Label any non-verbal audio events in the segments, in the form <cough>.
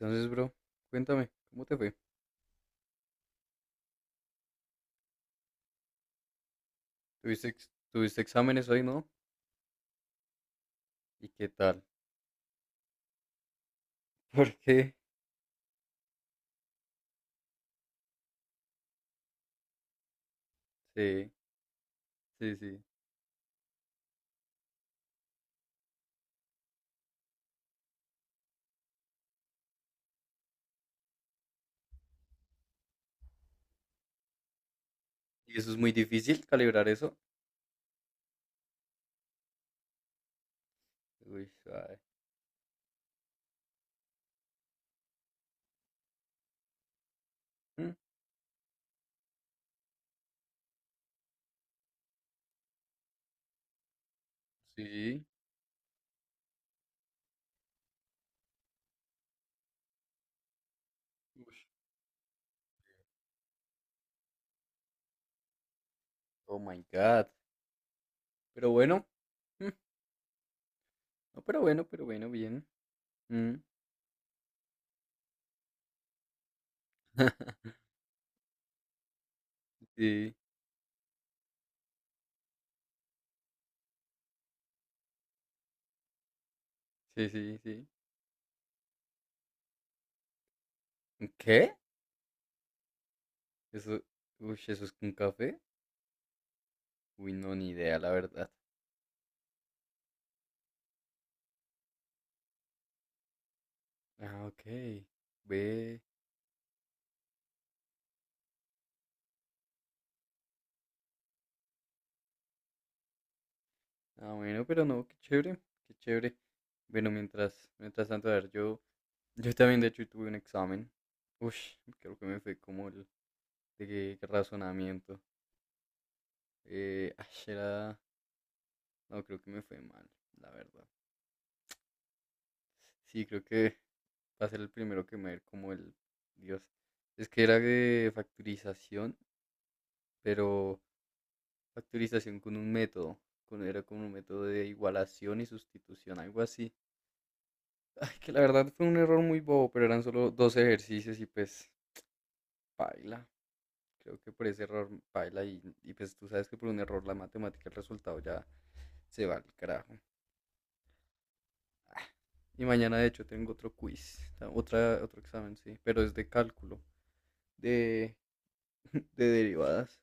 Entonces, bro, cuéntame, ¿cómo te fue? ¿Tuviste exámenes hoy, no? ¿Y qué tal? <laughs> ¿Por qué? Sí, sí, sí. ¿Y eso es muy difícil, calibrar eso? Uy, suave. Mm. Sí. Uy. Oh my God. Pero bueno, mm, no, pero bueno, bien. Mm. <laughs> Sí, sí, sí, sí. ¿Qué? Eso, uy, ¿eso es un café? Uy, no, ni idea, la verdad. Ah, ok. Ve. Ah, bueno, pero no, qué chévere, qué chévere. Bueno, mientras tanto, a ver, yo también de hecho tuve un examen. Uy, creo que me fue como el de razonamiento. Ay, no, creo que me fue mal, la verdad. Sí, creo que va a ser el primero que me va a ir como el, Dios. Es que era de factorización, pero factorización con un método, era como un método de igualación y sustitución, algo así. Ay, que la verdad fue un error muy bobo, pero eran solo dos ejercicios y pues paila. Creo que por ese error paila y pues tú sabes que por un error la matemática, el resultado ya se va al carajo. Ah, y mañana de hecho tengo otro quiz, otro examen, sí, pero es de cálculo, de, <laughs> de derivadas.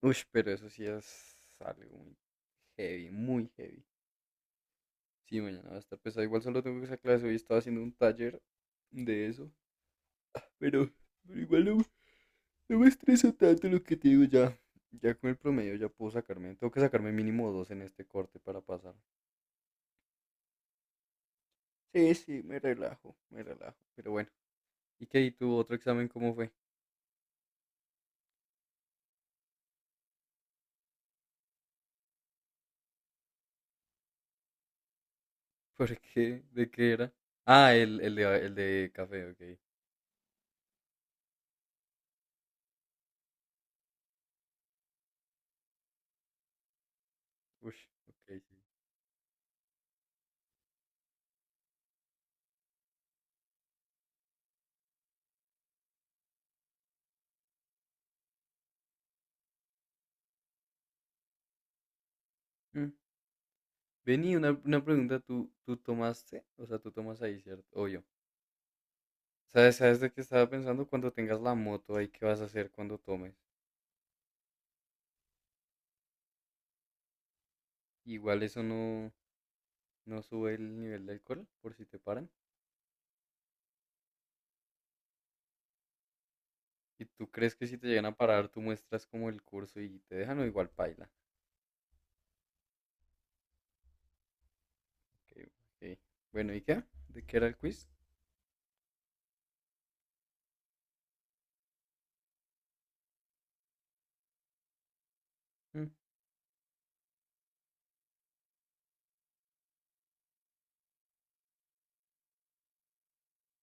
Uy, pero eso sí es algo muy heavy, muy heavy. Sí, mañana va a estar pesado. Igual solo tengo esa clase, hoy estaba haciendo un taller de eso, pero, pero igual no. No me estresa tanto lo que te digo ya. Ya con el promedio ya puedo sacarme. Tengo que sacarme mínimo dos en este corte para pasar. Sí, sí, me relajo, me relajo. Pero bueno. ¿Y qué? ¿Y tu otro examen cómo fue? <laughs> ¿Por qué? ¿De qué era? Ah, el de café, ok. Ush, ok, sí. Mm. Vení, una pregunta, ¿tú tomaste? O sea, tú tomas ahí, ¿cierto? O yo. ¿Sabes de qué estaba pensando? Cuando tengas la moto ahí, ¿qué vas a hacer cuando tomes? Igual eso no sube el nivel de alcohol, por si te paran. ¿Y tú crees que si te llegan a parar, tú muestras como el curso y te dejan o igual paila? Ok, ok. Bueno, ¿y qué? ¿De qué era el quiz? Mm,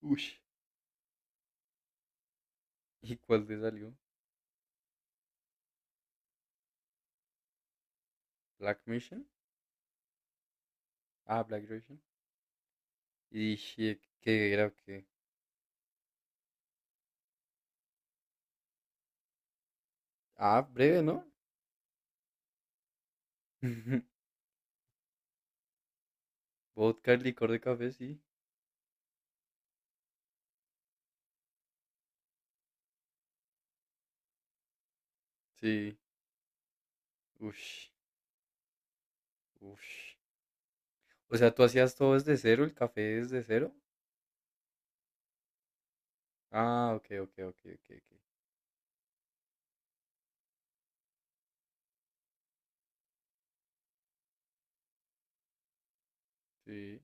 ush. ¿Y cuál te salió? ¿Black Mission? Ah, Black Mission. ¿Y qué era o qué? Ah, breve, ¿no? <laughs> Vodka, licor de café, sí. Sí. Ush, ush. O sea, ¿tú hacías todo desde cero, el café desde cero? Ah, ok, ok, ok, ok, ok. Sí.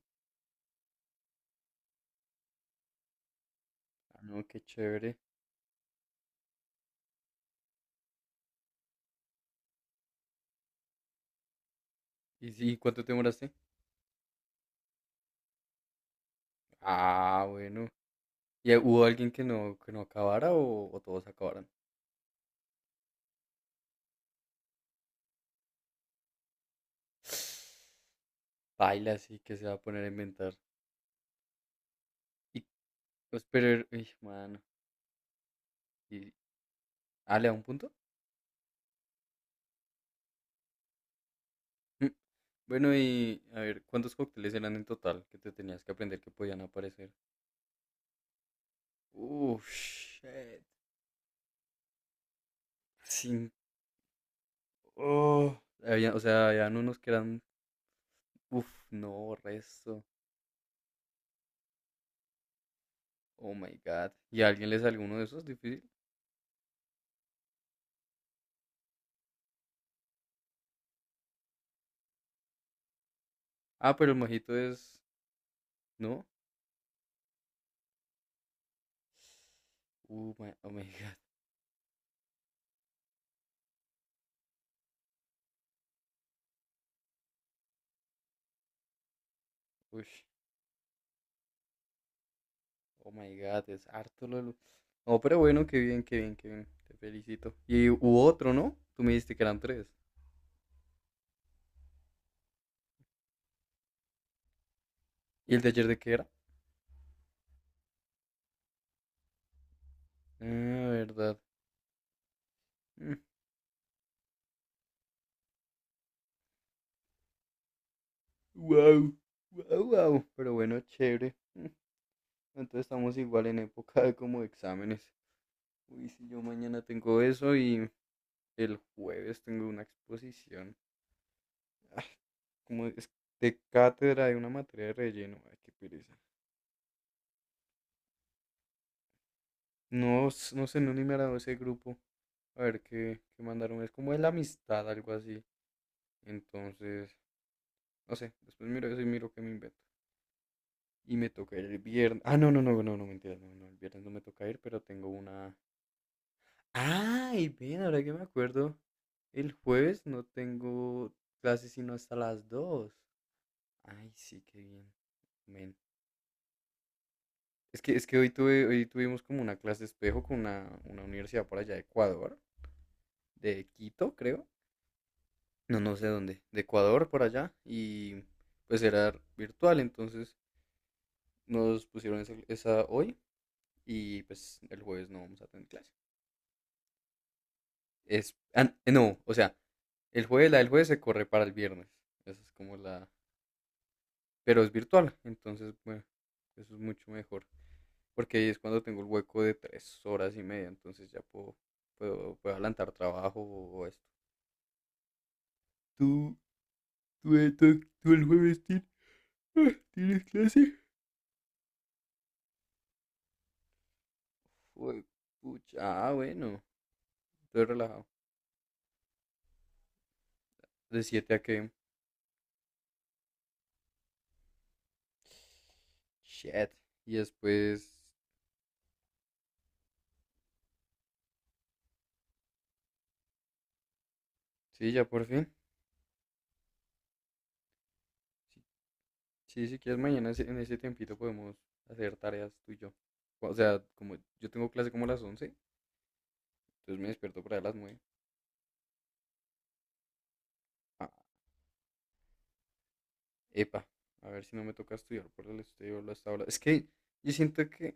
Ah, no, qué chévere. ¿Y sí, cuánto te demoraste? Ah, bueno. ¿Y hubo alguien que no acabara o todos acabaron? <sighs> Baila, sí, que se va a poner a inventar. Y, pues, pero, uy, mano. Y, ah, ¿le da un punto? Mm, Bueno, y a ver, ¿cuántos cócteles eran en total que te tenías que aprender que podían aparecer? Uf, shit. Cinco. Oh, o sea, habían unos que eran. Uf, no, resto. Oh my god. ¿Y a alguien le salió uno de esos? Difícil. Ah, pero el mojito es. ¿No? Oh my <laughs> god. Uy. Oh my God, es harto lo. No, pero bueno, qué bien, qué bien, qué bien. Te felicito. Y hubo otro, ¿no? Tú me dijiste que eran tres. ¿Y el de ayer de qué era? Ah, verdad. Wow, wow, wow. Pero bueno, chévere. Entonces estamos igual en época de como exámenes. Uy, si yo mañana tengo eso y el jueves tengo una exposición. Ah, como es de cátedra de una materia de relleno. Ay, qué pereza. No, no sé, no ni me agradó ese grupo. A ver qué mandaron. Es como de la amistad, algo así. Entonces, no sé. Después miro eso y miro qué me invento. Y me toca ir el viernes. Ah, no, no, no, no, no, mentira. No, no, el viernes no me toca ir, pero tengo una. ¡Ay! Ven, ahora que me acuerdo. El jueves no tengo clases sino hasta las 2. Ay, sí, qué bien. Men. Es que hoy tuvimos como una clase espejo con una universidad por allá de Ecuador, de Quito, creo. No, no sé dónde, de Ecuador por allá, y pues era virtual, entonces nos pusieron esa hoy y pues el jueves no vamos a tener clase. No, o sea, la del jueves se corre para el viernes, esa es como la, pero es virtual, entonces, bueno, eso es mucho mejor, porque ahí es cuando tengo el hueco de 3 horas y media, entonces ya puedo, puedo adelantar trabajo o esto. ¿Tú, tú el jueves tienes clase? Fue pucha. Ah, bueno. Estoy relajado. De 7 a qué. Shit. Y después. Sí, ya por fin. Sí, sí, si quieres, mañana en ese tiempito podemos hacer tareas tú y yo. O sea, como yo tengo clase como a las 11, entonces me despierto para las 9. Ah, epa, a ver si no me toca estudiar por el estudio hasta ahora. Es que yo siento que,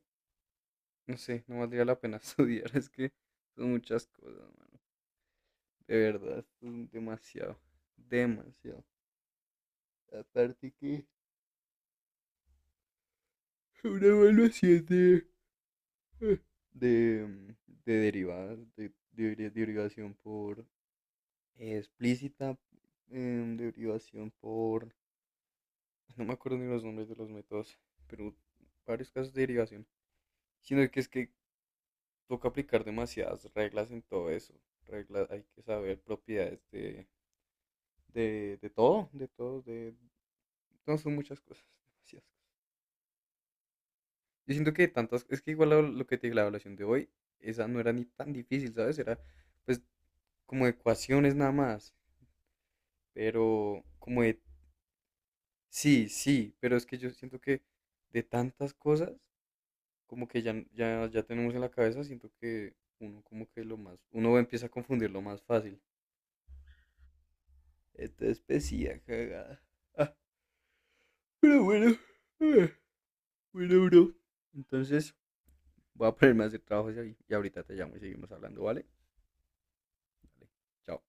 no sé, no valdría la pena <laughs> estudiar. Es que son muchas cosas, man. De verdad, son demasiado. Demasiado. Aparte que una evaluación de, de derivadas, de derivación por explícita, derivación por. No me acuerdo ni los nombres de los métodos, pero varios casos de derivación. Sino que es que toca aplicar demasiadas reglas en todo eso. Reglas, hay que saber propiedades de todo. No, son muchas cosas, demasiadas. Yo siento que tantas. Es que igual lo que te digo, la evaluación de hoy, esa no era ni tan difícil, ¿sabes? Era pues como de ecuaciones nada más, pero como de, sí, sí, pero es que yo siento que de tantas cosas, como que ya tenemos en la cabeza, siento que uno como que lo más, uno empieza a confundirlo más fácil. Esta especie cagada. Ah, pero bueno, ah, bueno, bro. Entonces, voy a ponerme a hacer trabajos ahí y ahorita te llamo y seguimos hablando, ¿vale? Vale, chao.